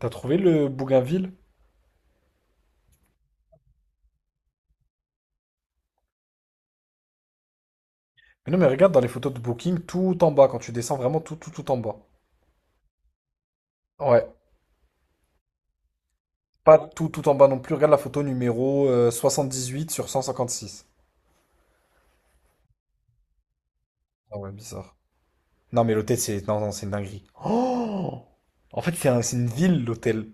T'as trouvé le Bougainville? Mais non, mais regarde dans les photos de Booking, tout en bas, quand tu descends vraiment tout, tout, tout en bas. Ouais, pas tout, tout en bas non plus. Regarde la photo numéro huit sur 156. Ah ouais, bizarre. Non, mais l'hôtel, c'est non, non, c'est une dinguerie. Oh! En fait, c'est une ville, l'hôtel.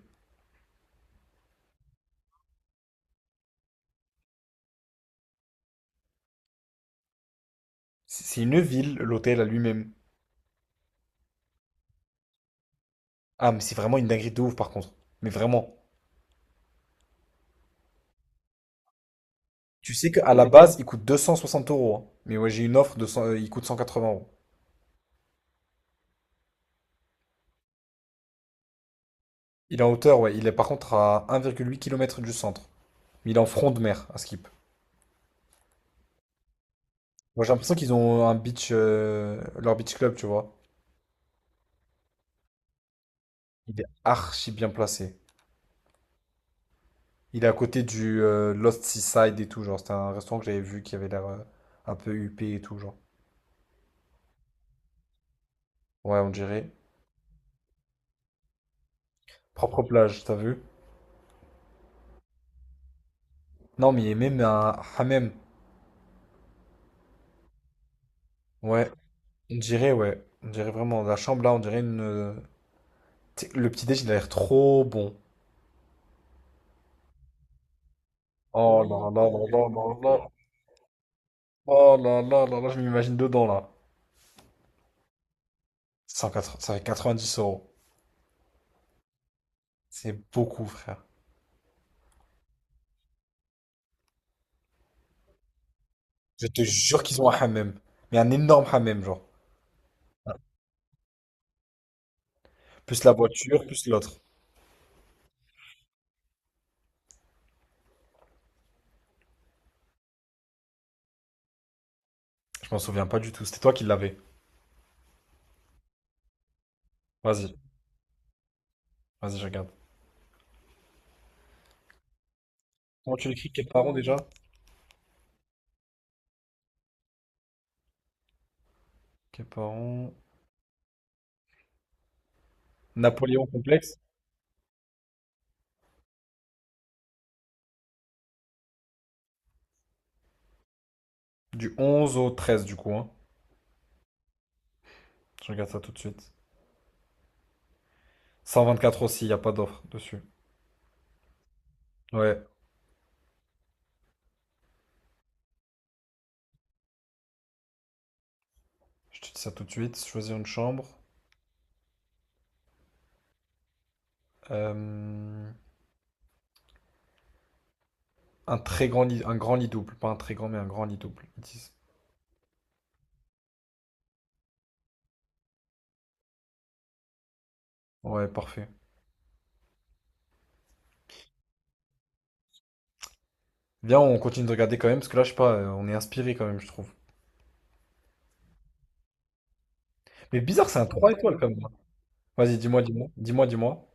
C'est une ville, l'hôtel à lui-même. Ah, mais c'est vraiment une dinguerie de ouf, par contre. Mais vraiment. Tu sais qu'à la base, il coûte 260 euros, hein. Mais ouais, j'ai une offre de 100 euh, il coûte 180 euros. Il est en hauteur, ouais. Il est par contre à 1,8 km du centre. Mais il est en front de mer, à Skip. Moi, j'ai l'impression qu'ils ont un beach, leur beach club, tu vois. Il est archi bien placé. Il est à côté du Lost Seaside et tout, genre. C'était un restaurant que j'avais vu qui avait l'air un peu huppé et tout, genre. Ouais, on dirait. Propre plage, t'as vu? Non, mais il y a même un hammam. Ouais, ouais. On dirait vraiment. La chambre là, on dirait une, tu sais. Le petit déj, il a l'air trop bon. Oh là là là là là là. Oh là là là là, je m'imagine dedans là. 180, ça fait 90 euros. C'est beaucoup, frère. Je te jure qu'ils ont un hammam. Mais un énorme hammam, genre. Plus la voiture, plus l'autre. Je m'en souviens pas du tout. C'était toi qui l'avais. Vas-y, vas-y, je regarde. Comment tu l'écris? Quel parent déjà? Quel parent? Napoléon complexe? Du 11 au 13 du coup, hein. Je regarde ça tout de suite. 124 aussi, il n'y a pas d'offre dessus. Ouais, je te dis ça tout de suite. Choisir une chambre. Euh, Un très grand lit, un grand lit double. Pas un très grand, mais un grand lit double. Ils disent. Ouais, parfait. Viens, on continue de regarder quand même, parce que là, je sais pas, on est inspiré quand même, je trouve. Mais bizarre, c'est un 3 étoiles quand même. Vas-y, dis-moi, dis-moi, dis-moi, dis-moi.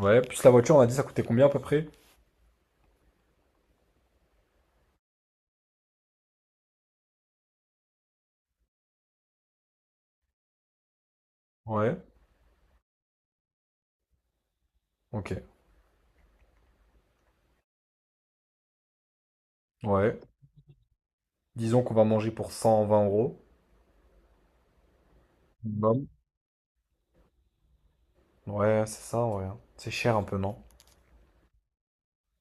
Ouais, plus la voiture, on a dit ça coûtait combien à peu près? Ouais, ok. Ouais. Disons qu'on va manger pour 120 euros. Minimum. Ouais, c'est ça, ouais, hein. C'est cher un peu, non?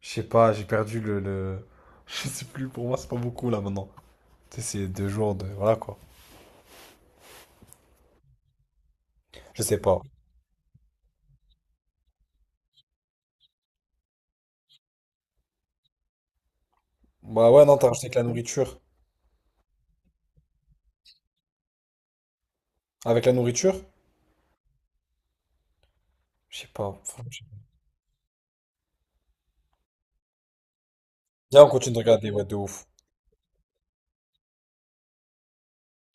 Je sais pas, j'ai perdu le- Je sais plus, pour moi, c'est pas beaucoup là maintenant. Tu sais, c'est deux jours de. Voilà quoi. Je sais pas. Bah ouais, non, t'as rajouté avec la nourriture. Avec la nourriture? Je sais pas, franchement, je sais pas. Viens, on continue de regarder, ouais, de ouf.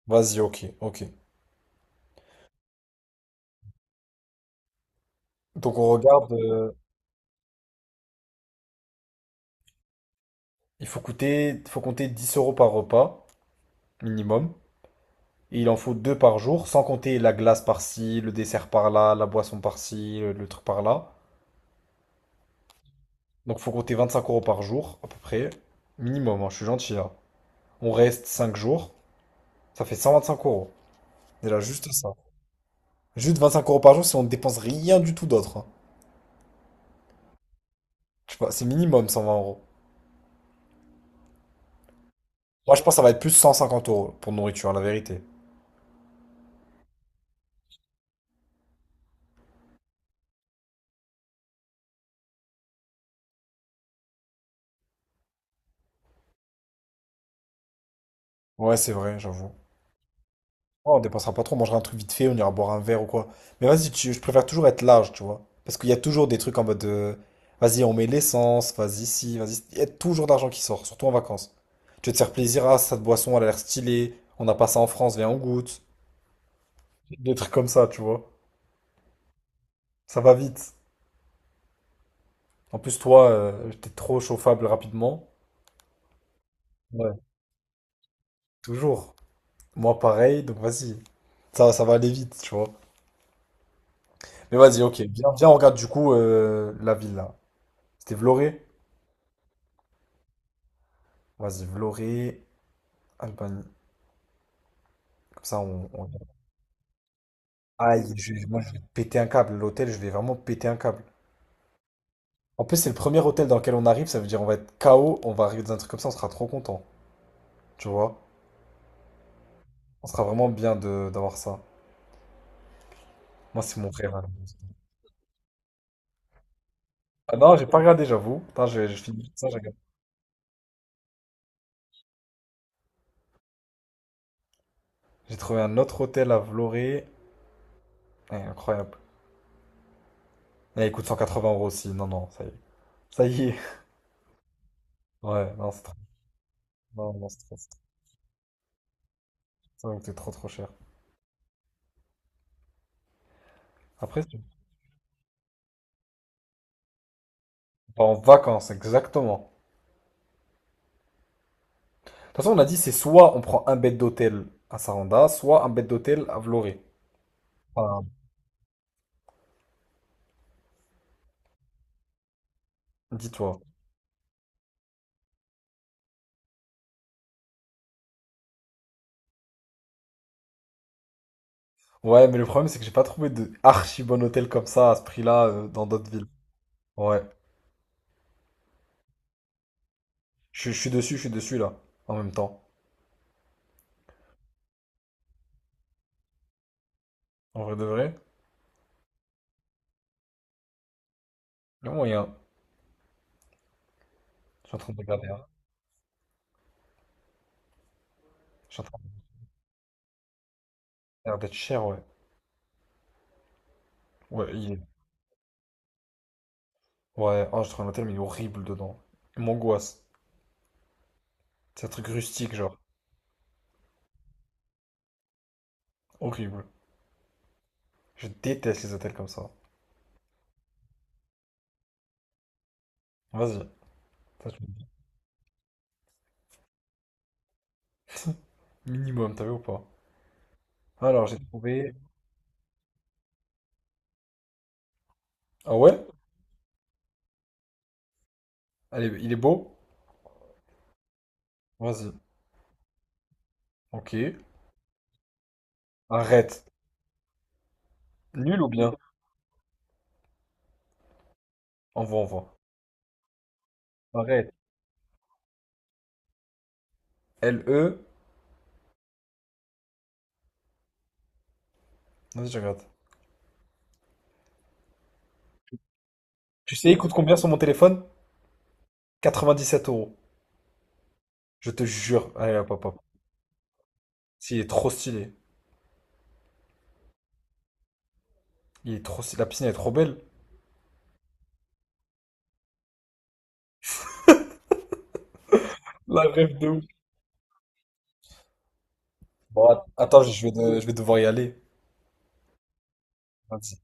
Vas-y, ok, ok. Donc on regarde, il faut compter 10 euros par repas minimum. Il en faut deux par jour, sans compter la glace par-ci, le dessert par-là, la boisson par-ci, le truc par-là. Donc faut compter 25 euros par jour, à peu près. Minimum, hein, je suis gentil là. On reste 5 jours, ça fait 125 euros. C'est là juste ça. Juste 25 euros par jour si on ne dépense rien du tout d'autre, hein. Je sais pas, c'est minimum 120 euros. Moi je pense que ça va être plus 150 euros pour nourriture, la vérité. Ouais, c'est vrai, j'avoue. Ouais, on dépensera pas trop, on mangera un truc vite fait, on ira boire un verre ou quoi. Mais je préfère toujours être large, tu vois. Parce qu'il y a toujours des trucs en mode vas-y, on met l'essence, vas-y, si, vas-y, si. Il y a toujours d'argent qui sort, surtout en vacances. Tu veux te faire plaisir, ah, cette boisson, elle a l'air stylée, on n'a pas ça en France, viens, on goûte. Des trucs comme ça, tu vois. Ça va vite. En plus, toi, t'es trop chauffable rapidement. Ouais, toujours. Moi, pareil, donc vas-y. Ça va aller vite, tu vois. Mais vas-y, ok, viens, viens, on regarde du coup la ville là. C'était Vloré? Vas-y, Vloré, Alban. Comme ça, on- Aïe, moi, je vais péter un câble. L'hôtel, je vais vraiment péter un câble. En plus, c'est le premier hôtel dans lequel on arrive. Ça veut dire on va être KO. On va arriver dans un truc comme ça. On sera trop content. Tu vois? On sera vraiment bien de d'avoir ça. Moi, c'est mon frère. Ah non, j'ai pas regardé, j'avoue. Attends, je finis ça, je regarde. J'ai trouvé un autre hôtel à Vloré. Eh, incroyable. Eh, il coûte 180 euros aussi. Non, non, ça y est. Ça y est. Ouais, non, c'est trop. Non, non, c'est trop, c'est trop, c'est trop cher. Après, si on part en vacances, exactement. Toute façon, on a dit c'est soit on prend un bed d'hôtel à Saranda, soit un bed d'hôtel à Vloré. Enfin, dis-toi. Ouais, mais le problème, c'est que j'ai pas trouvé de archi bon hôtel comme ça à ce prix-là dans d'autres villes. Ouais. Je suis dessus là, en même temps. En vrai de vrai, le moyen. Je suis en train de regarder, hein. Je suis en train de regarder d'être cher, ouais. Ouais, il est. Ouais, oh, j'ai trouvé un hôtel, mais il est horrible dedans. Il m'angoisse. C'est un truc rustique, genre. Horrible. Je déteste les hôtels comme ça. Vas-y. Ça, tu me dis. Minimum, t'as vu ou pas? Alors, j'ai trouvé. Ah ouais? Allez, il est beau? Vas-y. Ok. Arrête. Nul ou bien? Envoie, envoie. Arrête. L E. Vas-y, je regarde. Tu sais, il coûte combien sur mon téléphone? 97 euros. Je te jure. Allez, hop, hop, hop. Si, il est trop stylé. Il est trop stylé. La piscine elle est trop belle. La rêve de ouf. Bon, attends, je vais devoir y aller. Vas-y.